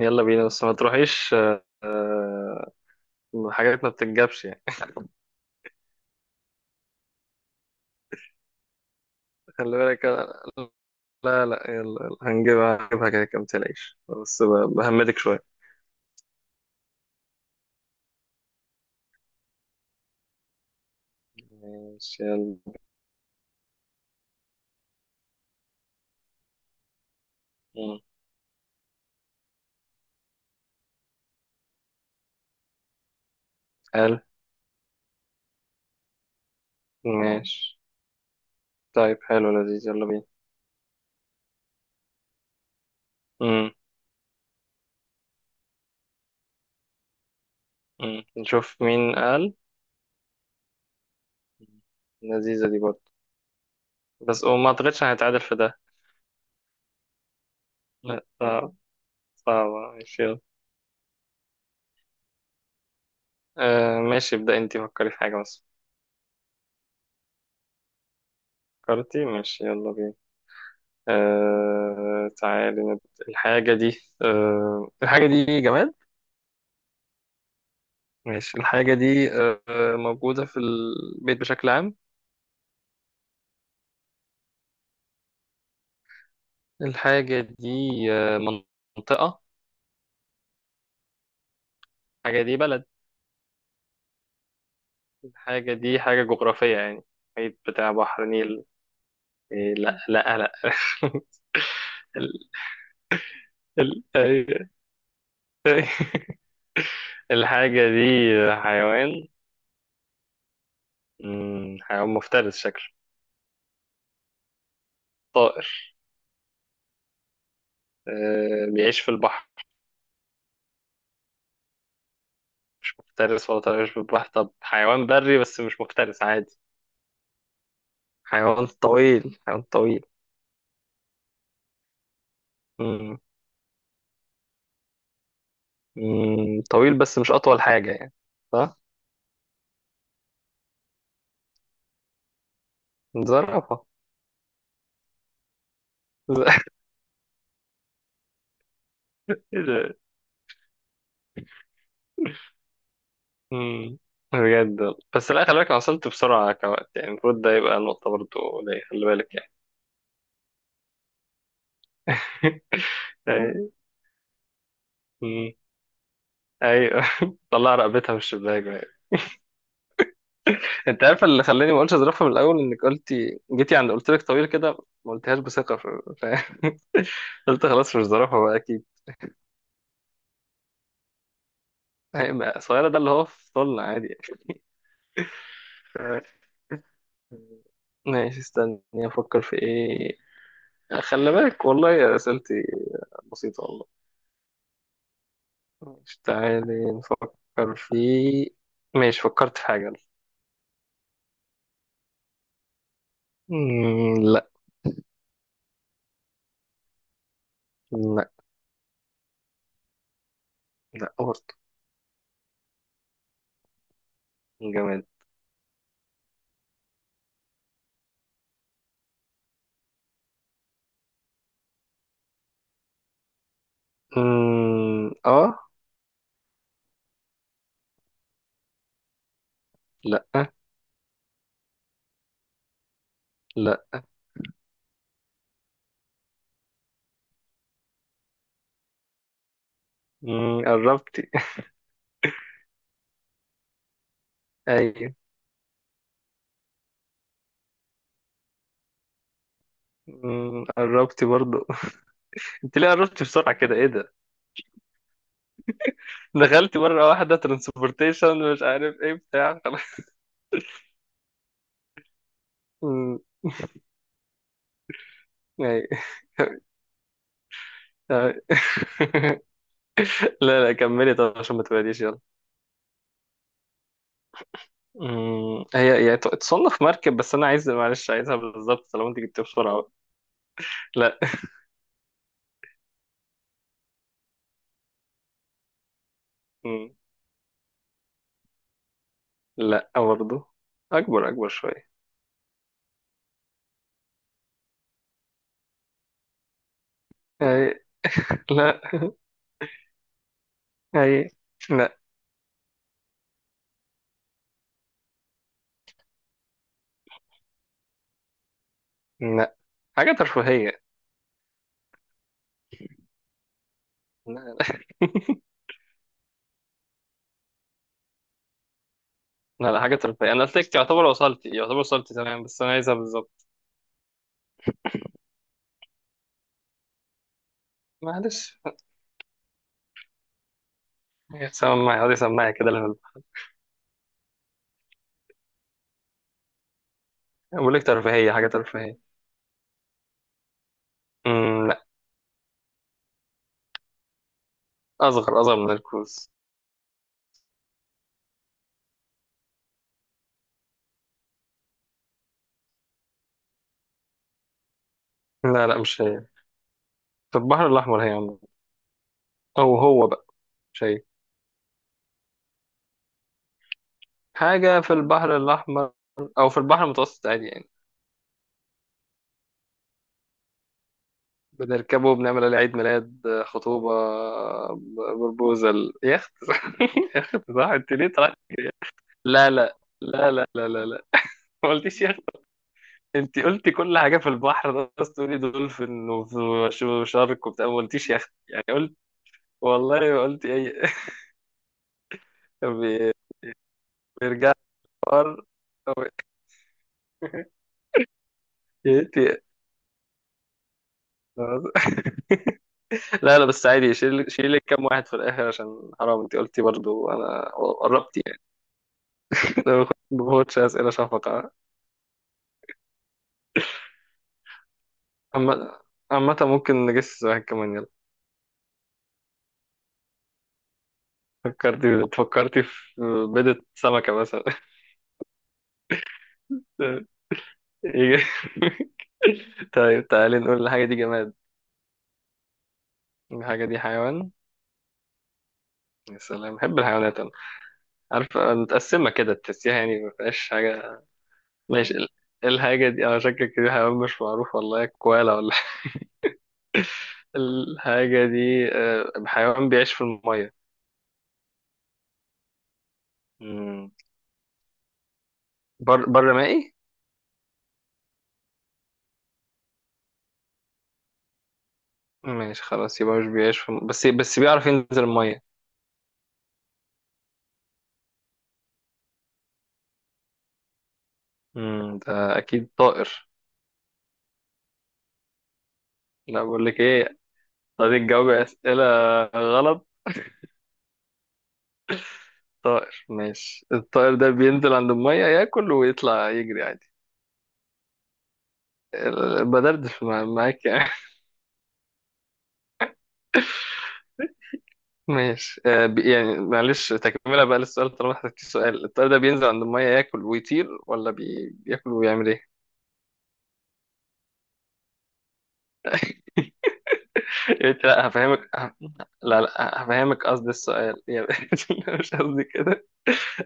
يلا بينا بس ما تروحيش حاجات ما بتتجابش يعني. خلي بالك لا لا، يلا يلا هنجيبها هنجيبها، كده كده متقلقش بس بهمدك شوية. ماشي يلا. مم. قال ماشي. طيب حلو لذيذ يلا بينا. مم. مم. نشوف مين قال. مم. لذيذة دي برضه. بس وما أعتقدش هنتعادل في ده. لا صعب، صعب. ماشي يلا. ماشي ابدأ انتي، فكري في حاجة بس. فكرتي ماشي يلا بينا. تعالي الحاجة دي، الحاجة دي جماد؟ ماشي، الحاجة دي موجودة في البيت بشكل عام؟ الحاجة دي آه منطقة؟ الحاجة دي بلد؟ الحاجة دي حاجة جغرافية يعني؟ محيط بتاع بحر نيل؟ إيه لا لا لا. ال ال أيوة. الحاجة دي حيوان؟ مم، حيوان مفترس شكله؟ طائر؟ آه بيعيش في البحر؟ مش مفترس ولا طائر بتباح، طب حيوان بري بس مش مفترس عادي؟ حيوان طويل، حيوان طويل؟ مم. مم. طويل بس مش أطول حاجة يعني، صح؟ زرافة! إيه ده؟ مم. بجد، بس لا خلي بالك أنا وصلت بسرعة كوقت، يعني المفروض ده يبقى نقطة برضو ليا، خلي بالك يعني. أي- مم. أيوه. طلع رقبتها من الشباك. انت عارف اللي خلاني ما اقولش اظرفها من الاول، انك قلتي جيتي عند قلت لك طويل كده، ما قلتهاش بثقه قلت خلاص مش ظرفها بقى اكيد. صغيره ده اللي هو في طولنا عادي يعني. ف- ماشي استني افكر في ايه. خلي بالك والله يا اسئلتي بسيطه والله. مش تعالي نفكر في، ماشي فكرت في حاجه. مم، لا. لا. لا برضه. جماد. مم، اه. لا. لا. مم، قربتي. ايوه. مم، قربتي برضه. انت ليه قربتي بسرعة كده، ايه ده؟ دخلتي مرة واحدة ترانسبورتيشن مش عارف ايه بتاع خلاص. مم، أي. أي. لا لا كملي، طب عشان ما تبعديش يلا. مم، هي يعني تصنف مركب بس انا عايز، معلش عايزها بالظبط طالما انت جبتيها بسرعة بقى. لا. مم، لا برضه. اكبر اكبر شوية. أي. لا. أي. لا. لا حاجة ترفيهية. لا لا. لا، حاجة ترفيهية، أنا قلت لك تعتبر وصلتي يعتبر وصلتي تمام، بس أنا عايزها بالظبط. معلش سماعي هذه سماعي كده لهلا. بقول لك ترفيهية، حاجة ترفيهية. لا. أصغر أصغر من الكوز. لا لا مش هي. في البحر الأحمر هي عم. أو هو بقى. مش هي. حاجة في البحر الأحمر أو في البحر المتوسط عادي يعني. بنركبه بنعمل عليه عيد ميلاد، خطوبة. بربوزل يخت. يخت صح، أنت ليه طلعت؟ لا لا لا لا لا لا لا. ما قلتيش يخت. أنت قلتي كل حاجة في البحر، بس تقولي دولفين وشارك وبتاع، ما قلتيش يخت يعني. والله ما قلت اي. بي- بيرجع الحوار. طب. إيه؟ إيه؟ لا لا بس عادي، شيل لك كام واحد في الاخر عشان حرام، انت قلتي برضو انا قربت يعني. لو ما باخدش اسئله شفقه عامه، عامة ممكن نجس واحد كمان يلا. فكرتي في بيضة سمكة مثلا. يجي- طيب تعالي نقول، الحاجة دي جماد؟ الحاجة دي حيوان؟ يا سلام بحب الحيوانات أنا. عارف متقسمة كده تحسيها يعني ما فيهاش حاجة. ماشي الحاجة دي، أنا شكك دي حيوان مش معروف والله، كوالا ولا حاجة. الحاجة دي حيوان بيعيش في المية؟ مم. بر بر مائي؟ ماشي خلاص يبقى مش بيعيش في بس بس بيعرف ينزل المية. مم. ده أكيد طائر. لا بقول لك إيه، طريقة جواب أسئلة غلط. طائر، ماشي الطائر ده بينزل عند المية ياكل ويطلع يجري عادي؟ بدردش معاك يعني. ماشي يعني معلش تكملة بقى للسؤال طالما احتجتي سؤال، الطائر ده بينزل عند المية ياكل ويطير ولا بياكل ويعمل ايه؟ يعني انت لا هفهمك لا لا هفهمك قصد السؤال يعني مش قصدي كده.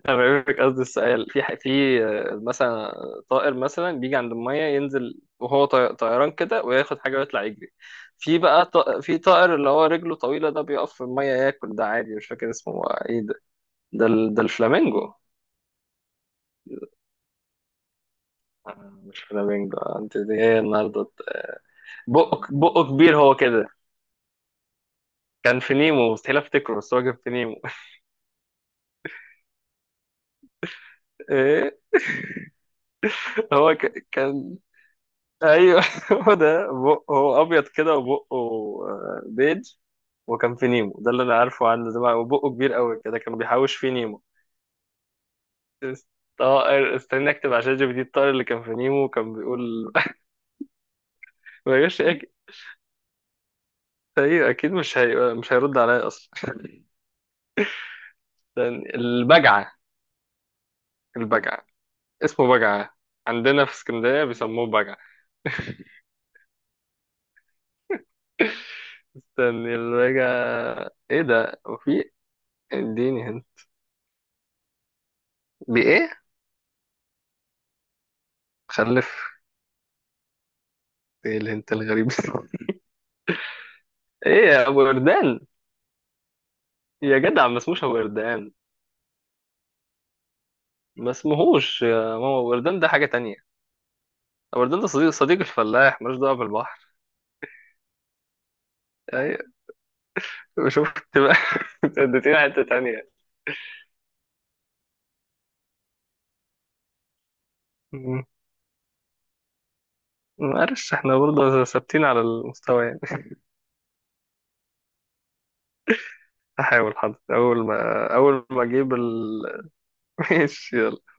هفهمك قصد السؤال، في في مثلا طائر مثلا بيجي عند المية ينزل وهو طيران كده وياخد حاجة ويطلع يجري. في بقى طائر، في طائر اللي هو رجله طويلة ده بيقف في المية ياكل ده عادي، مش فاكر اسمه. ايه ده؟ ده الفلامينجو؟ مش فلامينجو انت، دي ايه النهارده؟ بقك بقه كبير هو كده؟ كان في نيمو، مستحيل افتكره بس هو كان في نيمو. ايه؟ هو كان. ايوه. هو ده بقه، هو ابيض كده وبقه بيج. وكان في نيمو، ده اللي انا عارفه عنه زمان، وبقه كبير قوي كده كانوا بيحوش فيه نيمو. الطائر استنى اكتب عشان جي بي دي، الطائر اللي كان في نيمو كان بيقول. ما جاش ايوه اكيد مش مش هيرد عليا اصلا. البجعه. البجعه. اسمه بجعة، عندنا في اسكندرية بيسموه بجعة. استني البجعة، ايه ده؟ وفي اديني هنا. بايه؟ خلف؟ ايه الهنت الغريب ده؟ ايه يا ابو وردان؟ يا جدع ما اسموش ابو وردان. ما اسمهوش يا ماما ابو وردان، ده حاجة تانية. ابو وردان ده صديق، صديق الفلاح ملوش دعوة بالبحر. ايوه، شفت بقى. انت اديتينا حتة تانية. مم. معلش احنا برضه ثابتين على المستوى يعني. هحاول حاضر، اول ما اجيب ال... ماشي يلا.